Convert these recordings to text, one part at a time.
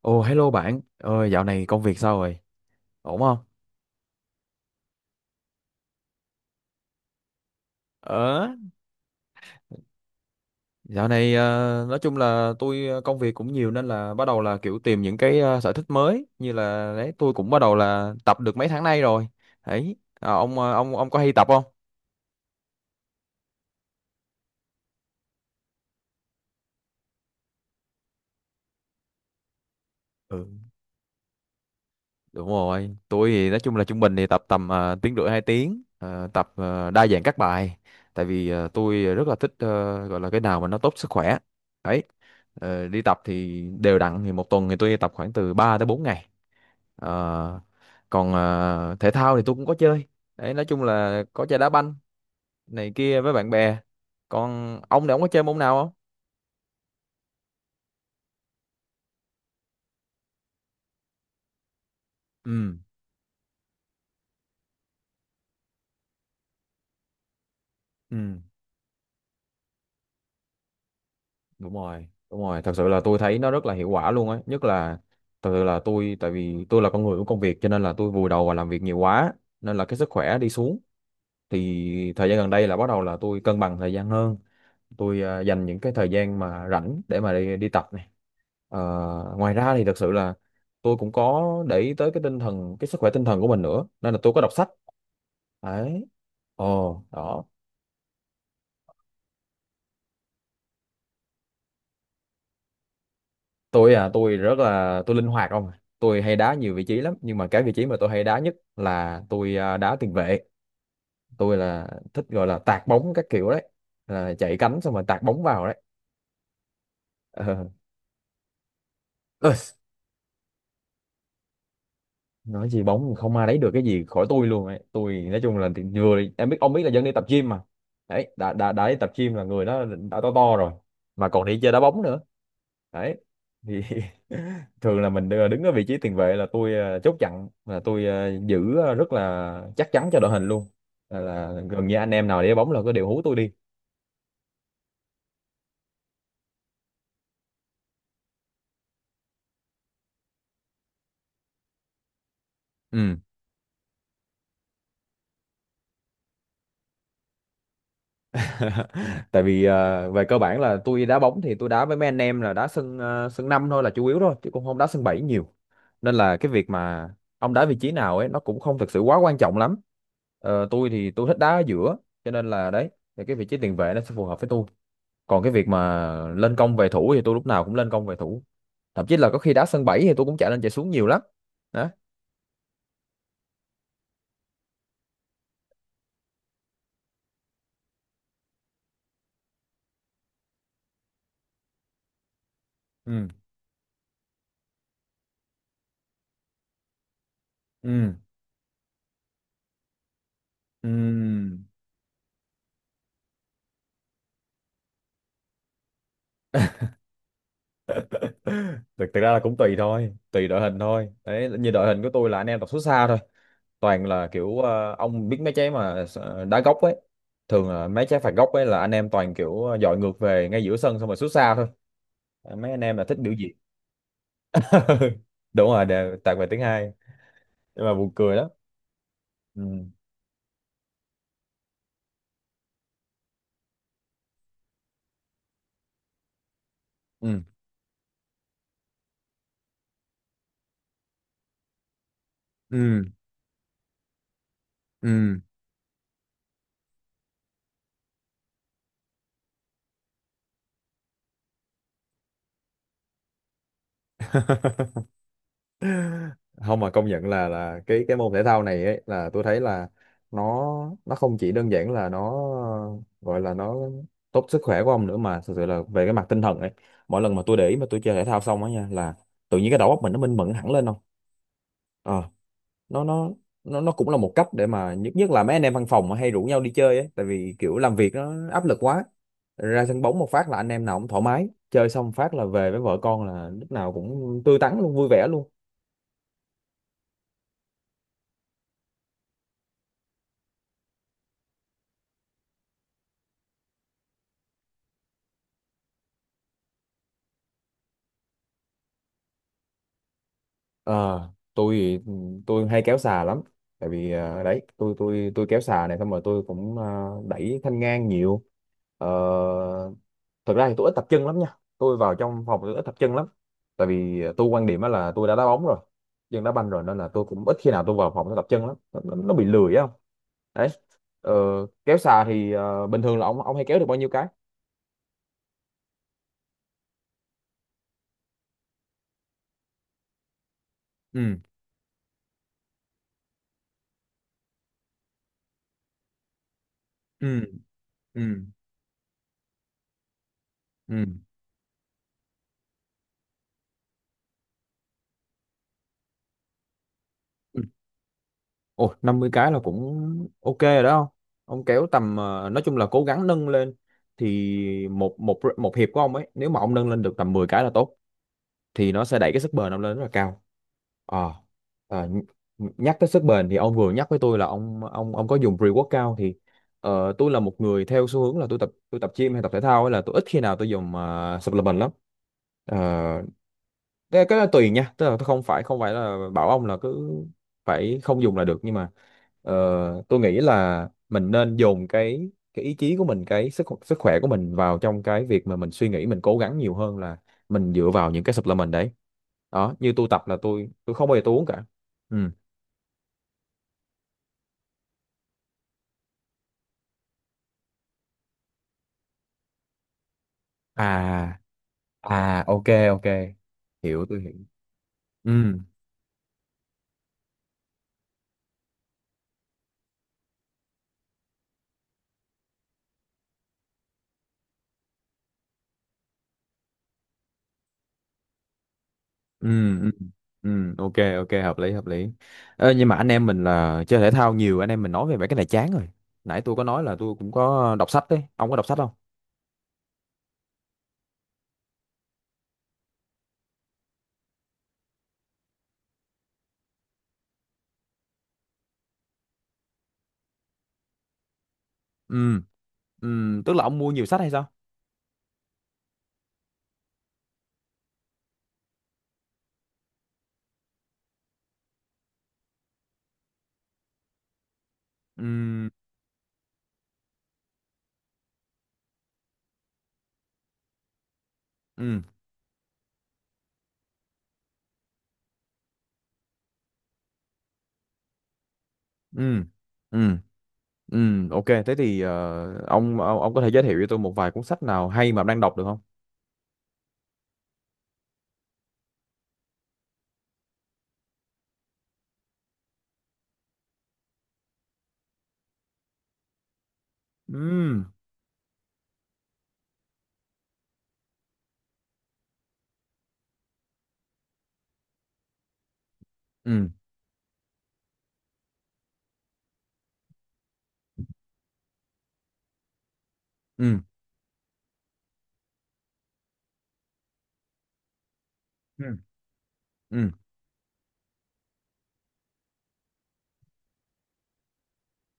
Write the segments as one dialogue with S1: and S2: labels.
S1: Ồ hello bạn, dạo này công việc sao rồi? Ổn không? Ờ, Dạo này nói chung là tôi, công việc cũng nhiều nên là bắt đầu là kiểu tìm những cái sở thích mới, như là đấy tôi cũng bắt đầu là tập được mấy tháng nay rồi. Đấy. Ông, ông có hay tập không? Ừ, đúng rồi, tôi thì nói chung là trung bình thì tập tầm tiếng rưỡi 2 tiếng, tập đa dạng các bài tại vì tôi rất là thích, gọi là cái nào mà nó tốt sức khỏe. Đấy. Đi tập thì đều đặn thì một tuần thì tôi tập khoảng từ 3 tới 4 ngày. Ờ, còn thể thao thì tôi cũng có chơi. Đấy, nói chung là có chơi đá banh này kia với bạn bè. Còn ông này, ông có chơi môn nào không? Ừ, ừ, đúng rồi, đúng rồi. Thật sự là tôi thấy nó rất là hiệu quả luôn ấy. Nhất là thật sự là tôi, tại vì tôi là con người của công việc cho nên là tôi vùi đầu vào làm việc nhiều quá nên là cái sức khỏe đi xuống. Thì thời gian gần đây là bắt đầu là tôi cân bằng thời gian hơn. Tôi, dành những cái thời gian mà rảnh để mà đi đi tập này. Ờ, Ngoài ra thì thật sự là tôi cũng có để ý tới cái tinh thần, cái sức khỏe tinh thần của mình nữa nên là tôi có đọc sách đấy. Ồ đó. Tôi, tôi rất là, tôi linh hoạt không à. Tôi hay đá nhiều vị trí lắm nhưng mà cái vị trí mà tôi hay đá nhất là tôi, đá tiền vệ. Tôi là thích gọi là tạt bóng các kiểu đấy, là chạy cánh xong rồi tạt bóng vào đấy. Ờ. Nói gì bóng, không ai lấy được cái gì khỏi tôi luôn ấy. Tôi nói chung là thì vừa em biết, ông biết là dân đi tập gym mà. Đấy, đã đi tập gym là người đó đã to to rồi mà còn đi chơi đá bóng nữa đấy thì. Thường là mình đứng ở vị trí tiền vệ là tôi chốt chặn, là tôi giữ rất là chắc chắn cho đội hình luôn. Là gần như anh em nào để bóng là có đều hú tôi đi. Ừ. Tại vì về cơ bản là tôi đá bóng thì tôi đá với mấy anh em là đá sân, sân 5 thôi là chủ yếu thôi chứ cũng không đá sân 7 nhiều, nên là cái việc mà ông đá vị trí nào ấy nó cũng không thực sự quá quan trọng lắm. Tôi thì tôi thích đá ở giữa, cho nên là đấy, thì cái vị trí tiền vệ nó sẽ phù hợp với tôi. Còn cái việc mà lên công về thủ thì tôi lúc nào cũng lên công về thủ. Thậm chí là có khi đá sân 7 thì tôi cũng chạy lên chạy xuống nhiều lắm. Đó. Ừ, ừ, ừ. thực thực ra là cũng tùy thôi, tùy đội hình thôi đấy. Như đội hình của tôi là anh em tập xuất xa thôi, toàn là kiểu ông biết mấy trái mà đá góc ấy, thường là mấy trái phạt góc ấy là anh em toàn kiểu dọi ngược về ngay giữa sân xong rồi sút xa thôi. Mấy anh em là thích biểu diễn. Đúng rồi, đều tạt về tiếng hai. Nhưng mà buồn cười lắm. Ừ. Ừ, ừ, ừ. Không mà công nhận là cái, môn thể thao này ấy, là tôi thấy là nó, không chỉ đơn giản là nó, gọi là nó tốt sức khỏe của ông nữa mà thực sự là về cái mặt tinh thần ấy, mỗi lần mà tôi để ý mà tôi chơi thể thao xong á nha là tự nhiên cái đầu óc mình nó minh mẫn hẳn lên không. Ờ, nó nó nó cũng là một cách để mà nhất, là mấy anh em văn phòng mà hay rủ nhau đi chơi ấy, tại vì kiểu làm việc nó áp lực quá, ra sân bóng một phát là anh em nào cũng thoải mái chơi xong phát là về với vợ con là lúc nào cũng tươi tắn luôn, vui vẻ luôn. ờ tôi thì- tôi hay kéo xà lắm tại vì đấy, tôi kéo xà này xong rồi tôi cũng đẩy thanh ngang nhiều. Ờ, Thực ra thì tôi ít tập chân lắm nha. Tôi vào trong phòng tôi ít tập chân lắm tại vì tôi quan điểm á là tôi đã đá bóng rồi, chân đá banh rồi nên là tôi cũng ít khi nào tôi vào phòng tôi tập chân lắm. Nó bị lười á không. Đấy. ờ, Kéo xà thì bình thường là ông hay kéo được bao nhiêu cái? Ừ, ừ, ừ, ừ, ừ. Ồ, 50 cái là cũng ok rồi đó không. Ông kéo tầm, nói chung là cố gắng nâng lên thì một một một hiệp của ông ấy nếu mà ông nâng lên được tầm 10 cái là tốt thì nó sẽ đẩy cái sức bền ông lên rất là cao. Ờ, ờ, nh- Nhắc tới sức bền thì ông vừa nhắc với tôi là ông có dùng pre-workout thì tôi là một người theo xu hướng là tôi tập gym hay tập thể thao ấy là tôi ít khi nào tôi dùng, supplement lắm. Ờ, cái đó tùy nha, tức là tôi không phải là bảo ông là cứ phải không dùng là được nhưng mà ờ, tôi nghĩ là mình nên dồn cái, ý chí của mình, cái sức sức khỏe của mình vào trong cái việc mà mình suy nghĩ, mình cố gắng nhiều hơn là mình dựa vào những cái supplement đấy. Đó, như tôi tập là tôi không bao giờ tôi uống cả. Ừ. À, à, ok, ok, hiểu, tôi hiểu. Ừ, ừ, ừ, ừ, ok, ok, hợp lý, hợp lý. Ê, nhưng mà anh em mình là chơi thể thao nhiều, anh em mình nói về mấy cái này chán rồi. Nãy tôi có nói là tôi cũng có đọc sách đấy, ông có đọc sách không? Ừ, ừ, tức là ông mua nhiều sách hay sao? Ừ, ừ, ừ, ừ, ừ, ok thế thì, ông, ông có thể giới thiệu cho tôi một vài cuốn sách nào hay mà ông đang đọc được không? Ừ, ừ, ừ, ừ, ừ,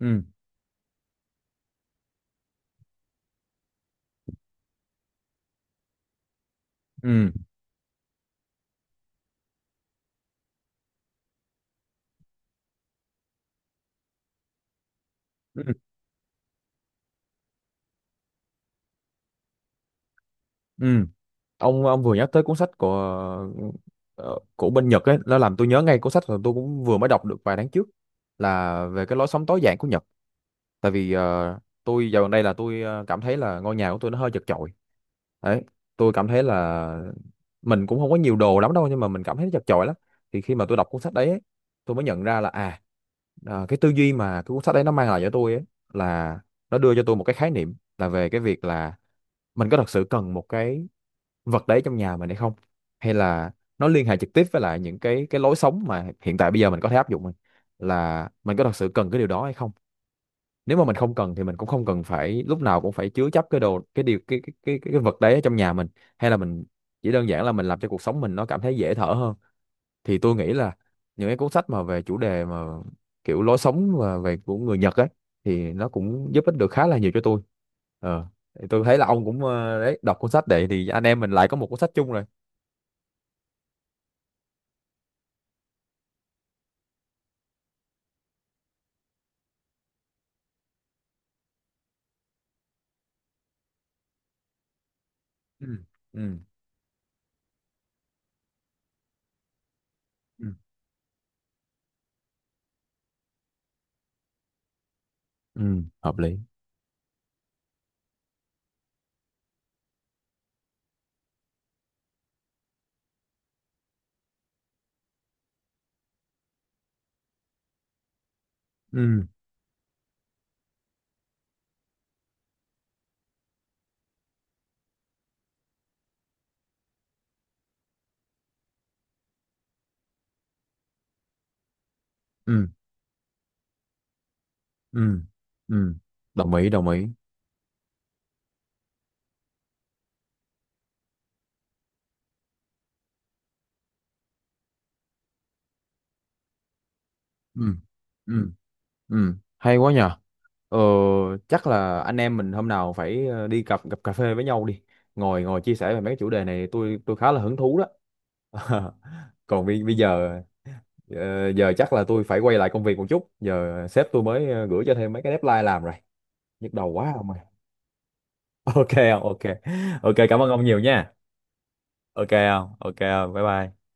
S1: ừ, ừ, ừ, ừ. Ông vừa nhắc tới cuốn sách của, của bên Nhật ấy, nó làm tôi nhớ ngay cuốn sách mà tôi cũng vừa mới đọc được vài tháng trước là về cái lối sống tối giản của Nhật. Tại vì tôi dạo gần đây là tôi, cảm thấy là ngôi nhà của tôi nó hơi chật chội. Đấy, tôi cảm thấy là mình cũng không có nhiều đồ lắm đâu nhưng mà mình cảm thấy nó chật chội lắm. Thì khi mà tôi đọc cuốn sách đấy ấy, tôi mới nhận ra là à, cái tư duy mà cái cuốn sách đấy nó mang lại cho tôi ấy, là nó đưa cho tôi một cái khái niệm là về cái việc là mình có thật sự cần một cái vật đấy trong nhà mình hay không, hay là nó liên hệ trực tiếp với lại những cái, lối sống mà hiện tại bây giờ mình có thể áp dụng, mình là mình có thật sự cần cái điều đó hay không. Nếu mà mình không cần thì mình cũng không cần phải lúc nào cũng phải chứa chấp cái đồ, cái điều, vật đấy ở trong nhà mình, hay là mình chỉ đơn giản là mình làm cho cuộc sống mình nó cảm thấy dễ thở hơn. Thì tôi nghĩ là những cái cuốn sách mà về chủ đề mà kiểu lối sống và về của người Nhật ấy thì nó cũng giúp ích được khá là nhiều cho tôi. ờ thì tôi thấy là ông cũng, đấy, đọc cuốn sách đấy thì anh em mình lại có một cuốn sách chung rồi. Ừ, ừ, ừ, ừ, hợp lý. Ừ, ừ, ừ, ừ, đồng ý, đồng ý. Ừ, ừ, ừ, hay quá nhờ. ờ, Chắc là anh em mình hôm nào phải, đi gặp gặp cà phê với nhau đi, ngồi ngồi chia sẻ về mấy cái chủ đề này, tôi khá là hứng thú đó. Bây giờ, giờ chắc là tôi phải quay lại công việc một chút. Giờ sếp tôi mới, gửi cho thêm mấy cái deadline làm rồi, nhức đầu quá không ơi. Ok không, ok. Ok, cảm ơn ông nhiều nha. Ok không, ok không, bye bye.